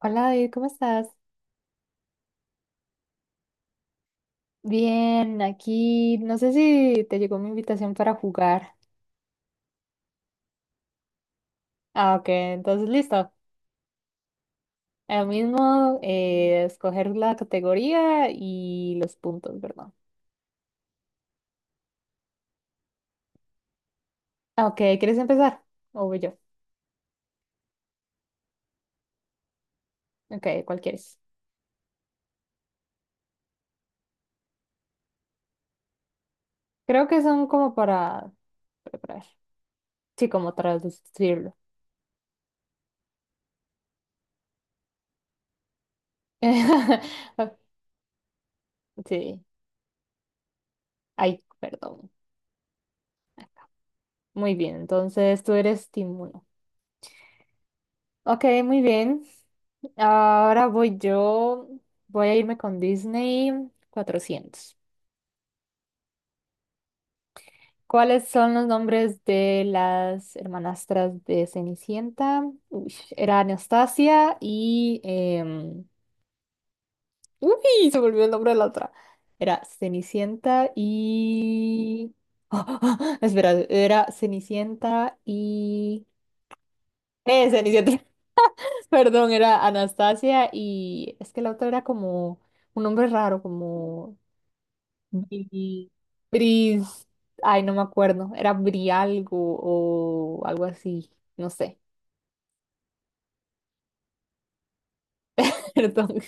Hola David, ¿cómo estás? Bien, aquí no sé si te llegó mi invitación para jugar. Ah, ok, entonces listo. Ahora mismo escoger la categoría y los puntos, ¿verdad? Ah, ok, ¿quieres empezar? O voy yo. Ok, ¿cuál quieres? Creo que son como para preparar. Sí, como traducirlo. Sí, ay, perdón. Muy bien, entonces tú eres Tim uno. Ok, muy bien. Ahora voy yo. Voy a irme con Disney 400. ¿Cuáles son los nombres de las hermanastras de Cenicienta? Uy, era Anastasia y... uy, se volvió el nombre de la otra. Era Cenicienta y... espera, era Cenicienta y... Cenicienta. Perdón, era Anastasia y es que la otra era como un nombre raro, como Bri- Bris, ay, no me acuerdo, era Bri algo o algo así, no sé, perdón.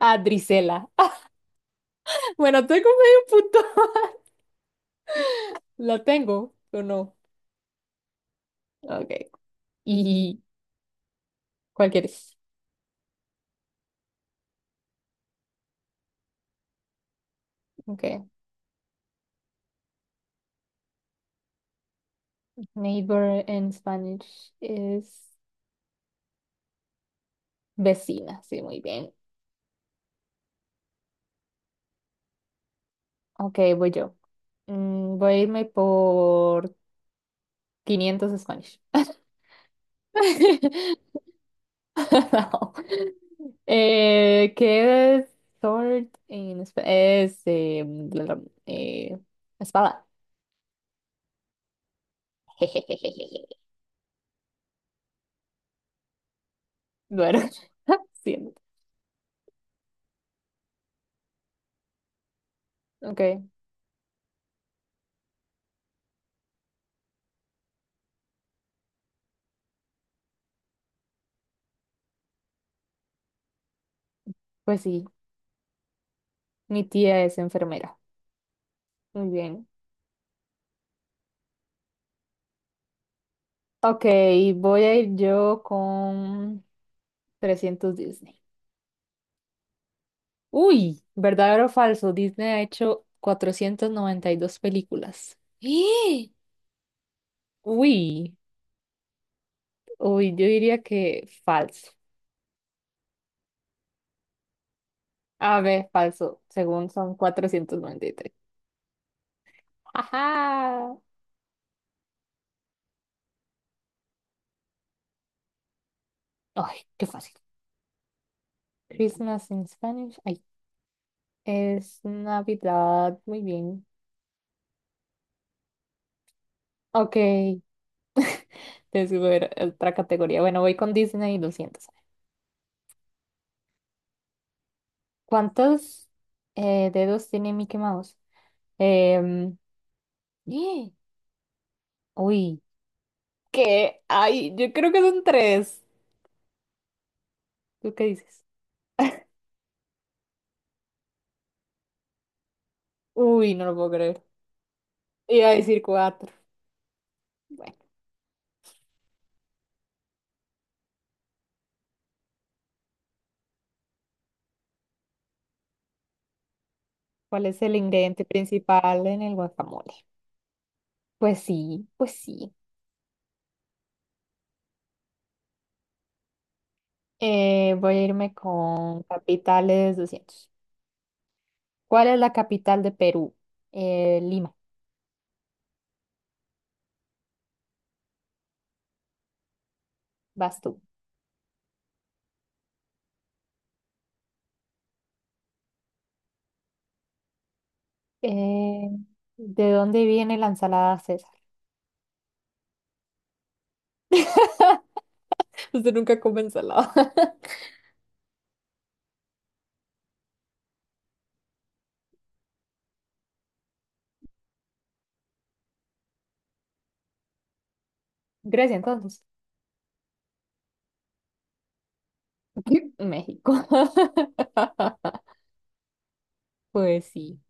Ah, Drisela. Bueno, tengo medio punto. ¿La tengo o no? Ok. ¿Y cuál quieres? Ok. Neighbor en Spanish es vecina, sí, muy bien. Ok, voy yo. Mm, voy a irme por 500 Spanish. No. ¿Qué es sword en espa- Es bla, bla, eh, espada. Bueno, siento. Ok, pues sí, mi tía es enfermera. Muy bien. Ok, voy a ir yo con 300 Disney. Uy, ¿verdadero o falso? Disney ha hecho 492 películas. ¡Eh! Uy. Uy, yo diría que falso. A ver, falso, según son 493. ¡Ajá! ¡Ay, qué fácil! Christmas in Spanish. Ay, es Navidad. Muy bien. Ok, te sigo ver otra categoría. Bueno, voy con Disney 200. ¿Cuántos dedos tiene Mickey Mouse? Em, ¡Eh! Uy, ¿qué? Ay, yo creo que son tres. ¿Tú qué dices? Uy, no lo puedo creer. Iba a decir cuatro. Bueno, ¿cuál es el ingrediente principal en el guacamole? Pues sí, pues sí. Voy a irme con capitales 200. ¿Cuál es la capital de Perú? Lima, vas tú. Eh, ¿De dónde viene la ensalada César? Usted nunca come ensalada. Grecia, entonces. México. Pues sí.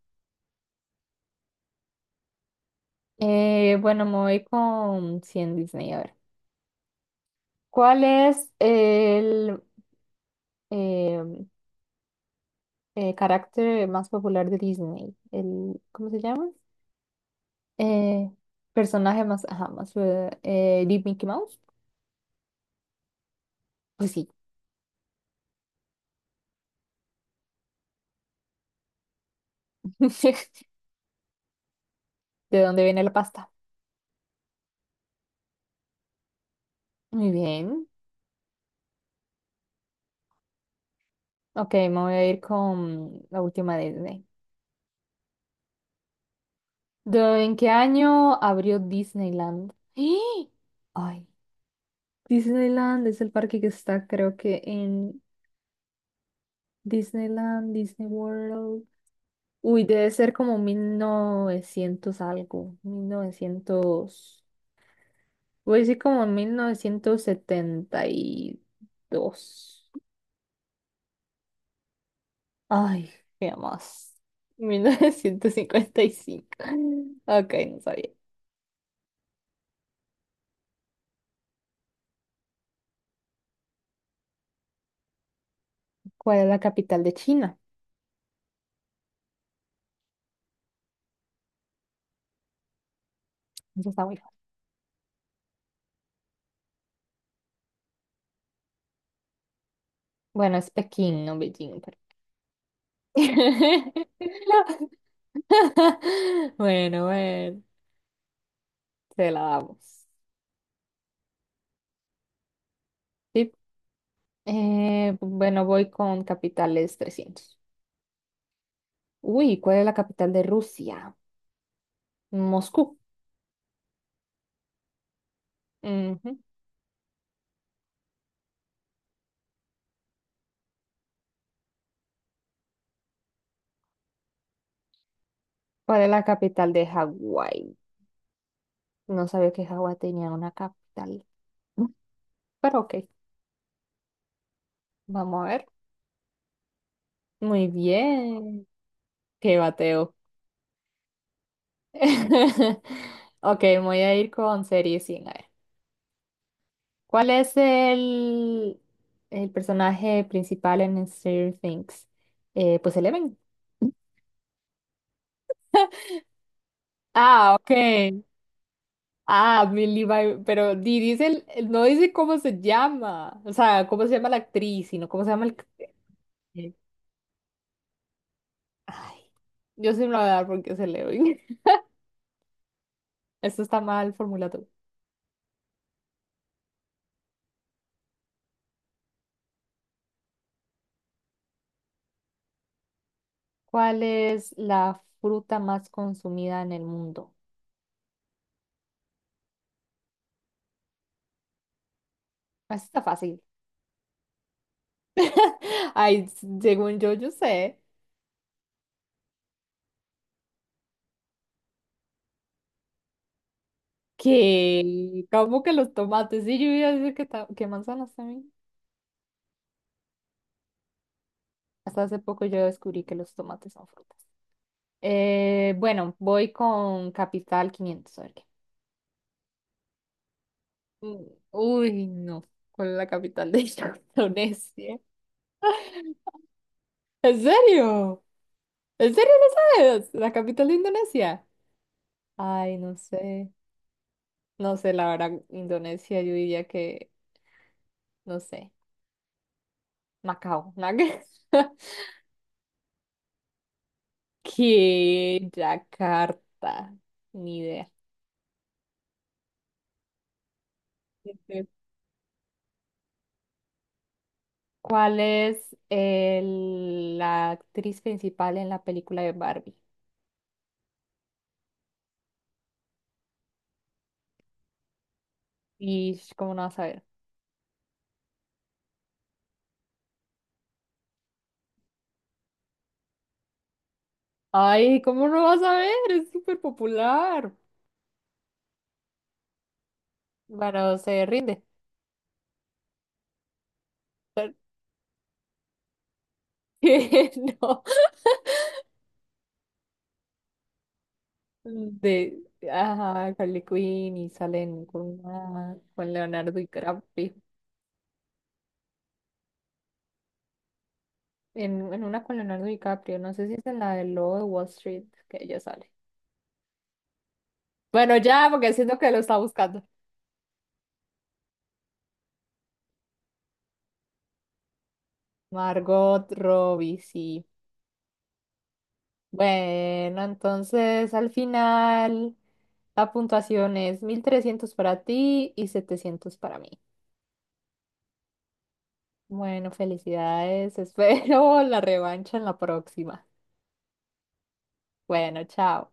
Bueno, me voy con 100 Disney. A ver. ¿Cuál es el, em, carácter más popular de Disney? El, ¿cómo se llama? Eh, personaje más, ajá, más, de Mickey Mouse. Pues sí, ¿de dónde viene la pasta? Muy bien. Ok, me voy a ir con la última de Disney. ¿De- en qué año abrió Disneyland? ¡Ah! Ay, Disneyland es el parque que está, creo que en Disneyland, Disney World. Uy, debe ser como 1900 algo, 1900. Voy a decir como en 1972. Ay, qué más. 1955. Ok, no sabía. ¿Cuál es la capital de China? Eso está muy fácil. Bueno, es Pekín, no Beijing, pero- Bueno, bueno, se la damos. Sí. Bueno, voy con capitales 300. Uy, ¿cuál es la capital de Rusia? Moscú. Ujú. ¿Cuál es la capital de Hawái? No sabía que Hawái tenía una capital. Pero ok, vamos a ver. Muy bien. Qué bateo. Ok, voy a ir con serie 100. A ver. ¿Cuál es el personaje principal en Stranger Things? Pues Eleven. Ah, ok. Ah, Millie Bobby- pero dice no dice cómo se llama. O sea, cómo se llama la actriz, sino cómo se llama el... eh, ay, yo sí me lo voy a dar porque es Eleven. Esto está mal formulado. ¿Cuál es la fruta más consumida en el mundo? Esto está fácil. Ay, según yo, yo sé que, como que los tomates. Sí, yo iba a decir que, que manzanas también. Hasta hace poco yo descubrí que los tomates son frutas. Bueno, voy con Capital 500. A ver qué. Mm, uy, no. ¿Cuál es la capital de Indonesia? ¿En serio? ¿En serio no sabes? ¿La capital de Indonesia? Ay, no sé. No sé, la verdad, Indonesia, yo diría que, no sé, Macao, ¿no? Que Yakarta, ni idea. Este, ¿cuál es la actriz principal en la película de Barbie? Y ¿cómo no vas a ver? Ay, ¿cómo no vas a ver? Es súper popular. Bueno, se rinde. Que no, de ajá, Harley Quinn y salen con, con Leonardo DiCaprio. En una con Leonardo DiCaprio, no sé si es en la del Lobo de Wall Street, que ella sale. Bueno, ya, porque siento que lo está buscando. Margot Robbie, sí. Bueno, entonces al final la puntuación es 1300 para ti y 700 para mí. Bueno, felicidades, espero la revancha en la próxima. Bueno, chao.